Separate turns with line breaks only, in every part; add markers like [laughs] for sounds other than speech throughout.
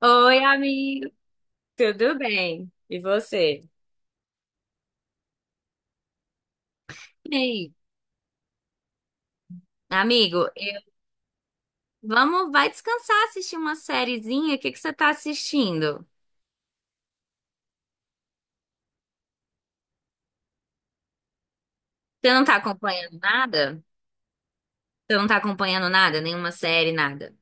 Oi, amigo. Tudo bem? E você? Ei, amigo, vamos, vai descansar, assistir uma sériezinha. O que que você tá assistindo? Você não tá acompanhando nada? Você não tá acompanhando nada? Nenhuma série, nada?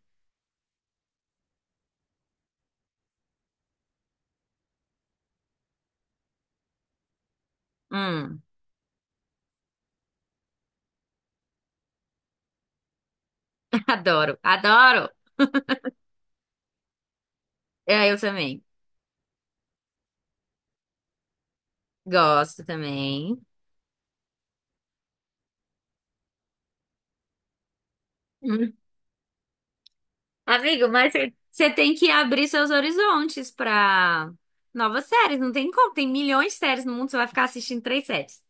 Hum. [laughs] Adoro, adoro. É, eu também. Gosto também. Hum. Amigo, mas você tem que abrir seus horizontes pra novas séries. Não tem como, tem milhões de séries no mundo, você vai ficar assistindo três séries.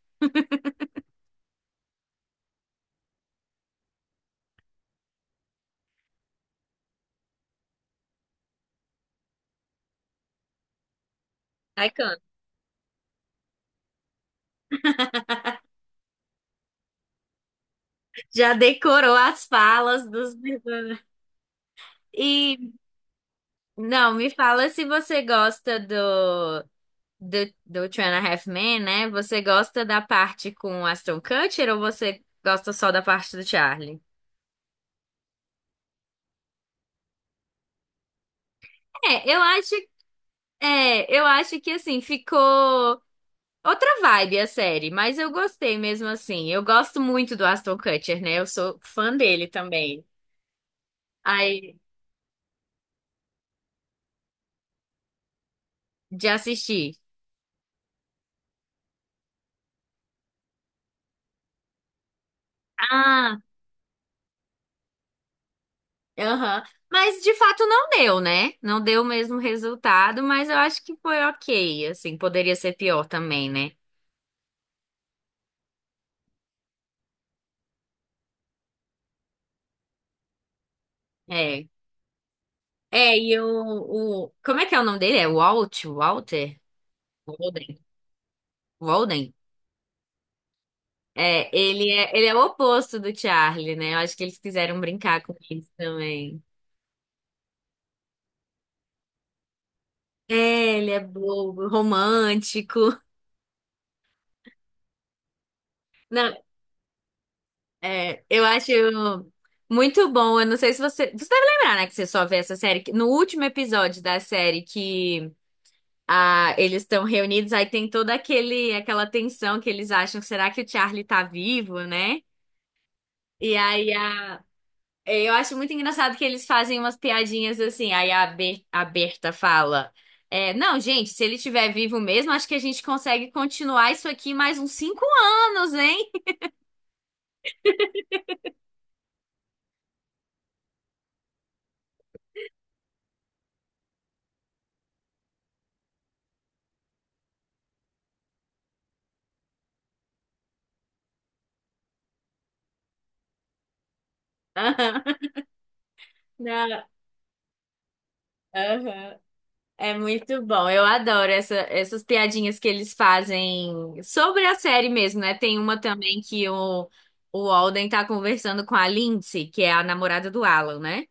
Aí já decorou as falas dos personagens. E não, me fala se você gosta do do Two and a Half Men, né? Você gosta da parte com o Aston Kutcher ou você gosta só da parte do Charlie? É, eu acho, é, eu acho que assim ficou outra vibe a série, mas eu gostei mesmo assim. Eu gosto muito do Aston Kutcher, né? Eu sou fã dele também. Aí, de assistir. Aham. Mas de fato não deu, né? Não deu o mesmo resultado, mas eu acho que foi ok. Assim, poderia ser pior também, né? É. É, e o, o... Como é que é o nome dele? É Walt? Walter? Walden. Walden? É, ele é o oposto do Charlie, né? Eu acho que eles quiseram brincar com isso também. É, ele é bobo, romântico. Não, é, eu acho muito bom. Eu não sei se você. Você deve lembrar, né, que você só vê essa série. Que No último episódio da série que eles estão reunidos, aí tem toda aquela tensão que eles acham, será que o Charlie tá vivo, né? E aí a. Eu acho muito engraçado que eles fazem umas piadinhas assim. Aí a Berta fala: é, não, gente, se ele estiver vivo mesmo, acho que a gente consegue continuar isso aqui mais uns 5 anos, hein? [laughs] Não, aham. É muito bom, eu adoro essas piadinhas que eles fazem sobre a série mesmo, né? Tem uma também que o Alden tá conversando com a Lindsay, que é a namorada do Alan, né?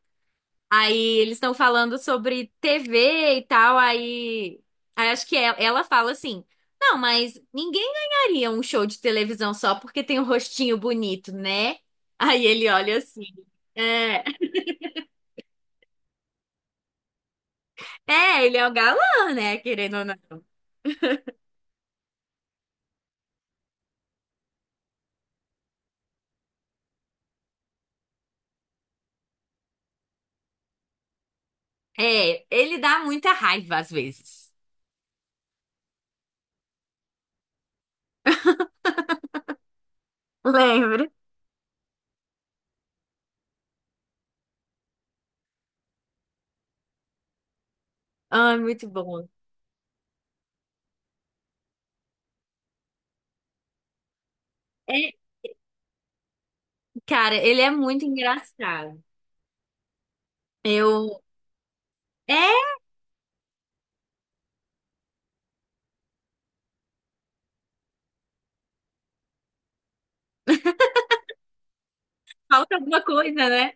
Aí eles estão falando sobre TV e tal, aí acho que ela fala assim: não, mas ninguém ganharia um show de televisão só porque tem um rostinho bonito, né? Aí ele olha assim: é, [laughs] é, ele é o galã, né? Querendo ou não. É, ele dá muita raiva às vezes. Lembro. Ai, muito bom. É, cara, ele é muito engraçado. Eu. É, falta alguma coisa, né?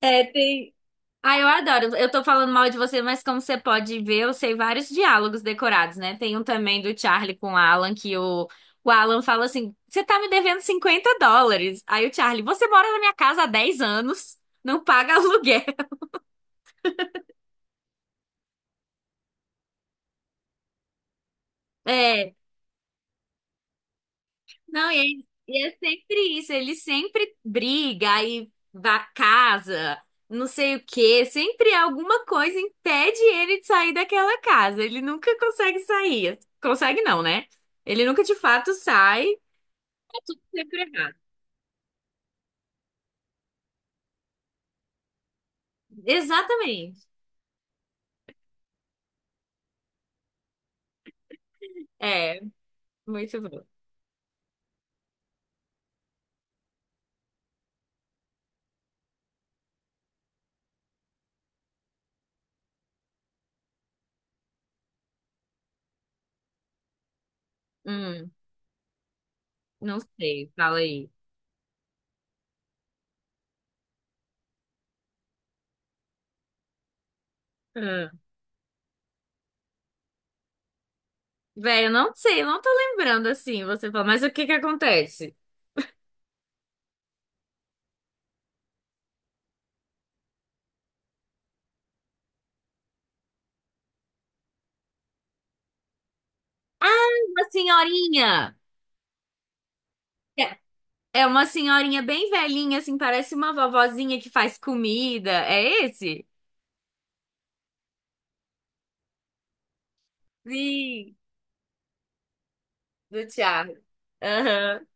É, tem. Ah, eu adoro. Eu tô falando mal de você, mas como você pode ver, eu sei vários diálogos decorados, né? Tem um também do Charlie com o Alan, que o Alan fala assim: você tá me devendo $50. Aí o Charlie, você mora na minha casa há 10 anos, não paga aluguel. [laughs] É. Não, e é sempre isso. Ele sempre briga, casa, não sei o quê. Sempre alguma coisa impede ele de sair daquela casa. Ele nunca consegue sair. Consegue não, né? Ele nunca de fato sai. É tudo sempre errado. Exatamente. É, muito bom. Hum, não sei, fala aí. Hum. Velho, eu não sei, eu não tô lembrando assim, você fala, mas o que que acontece? Ah, uma senhorinha! É uma senhorinha bem velhinha, assim, parece uma vovozinha que faz comida. É esse? Sim, do Thiago. Aham.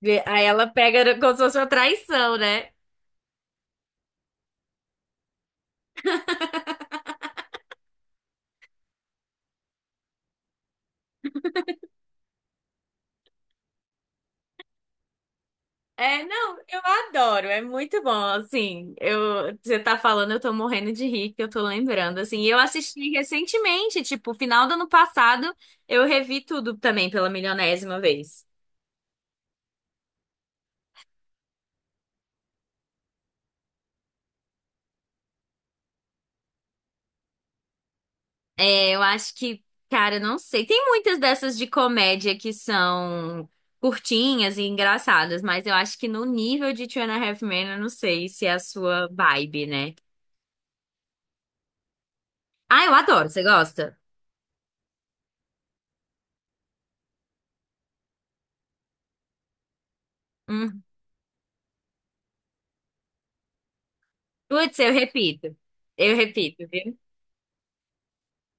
Aí ela pega como se fosse uma traição, né? É, não, eu adoro, é muito bom, assim, eu, você tá falando, eu tô morrendo de rir, que eu tô lembrando, assim, e eu assisti recentemente, tipo, final do ano passado, eu revi tudo também pela milionésima vez. É, eu acho que, cara, não sei. Tem muitas dessas de comédia que são curtinhas e engraçadas, mas eu acho que no nível de Two and a Half Men, eu não sei se é a sua vibe, né? Ah, eu adoro. Você gosta? Hum. Putz, eu repito. Eu repito, viu?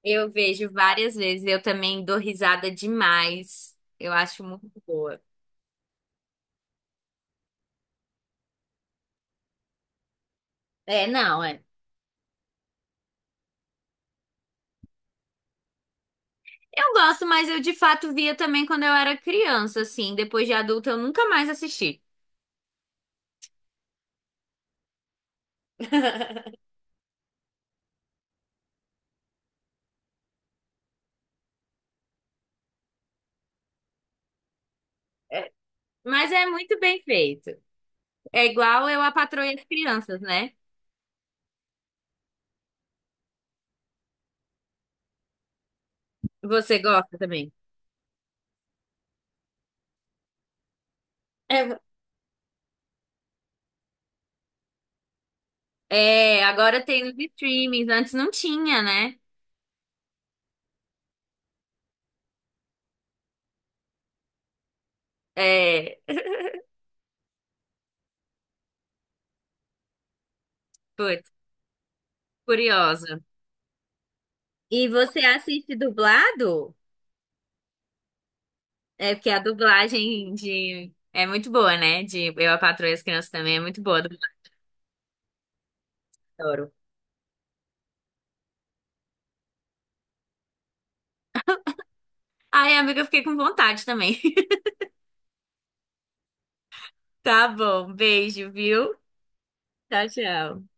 Eu vejo várias vezes. Eu também dou risada demais. Eu acho muito boa. É, não, é. Eu gosto, mas eu de fato via também quando eu era criança, assim. Depois de adulta, eu nunca mais assisti. [laughs] Mas é muito bem feito. É igual eu a Patroa e as Crianças, né? Você gosta também. É, é, agora tem nos streamings, antes não tinha, né? É, putz, curiosa. E você assiste dublado? É porque a dublagem de é muito boa, né? De Eu, a Patroa e as Crianças também é muito boa, do adoro. Ai, amiga, eu fiquei com vontade também. [laughs] Tá bom, beijo, viu? Tchau, tchau.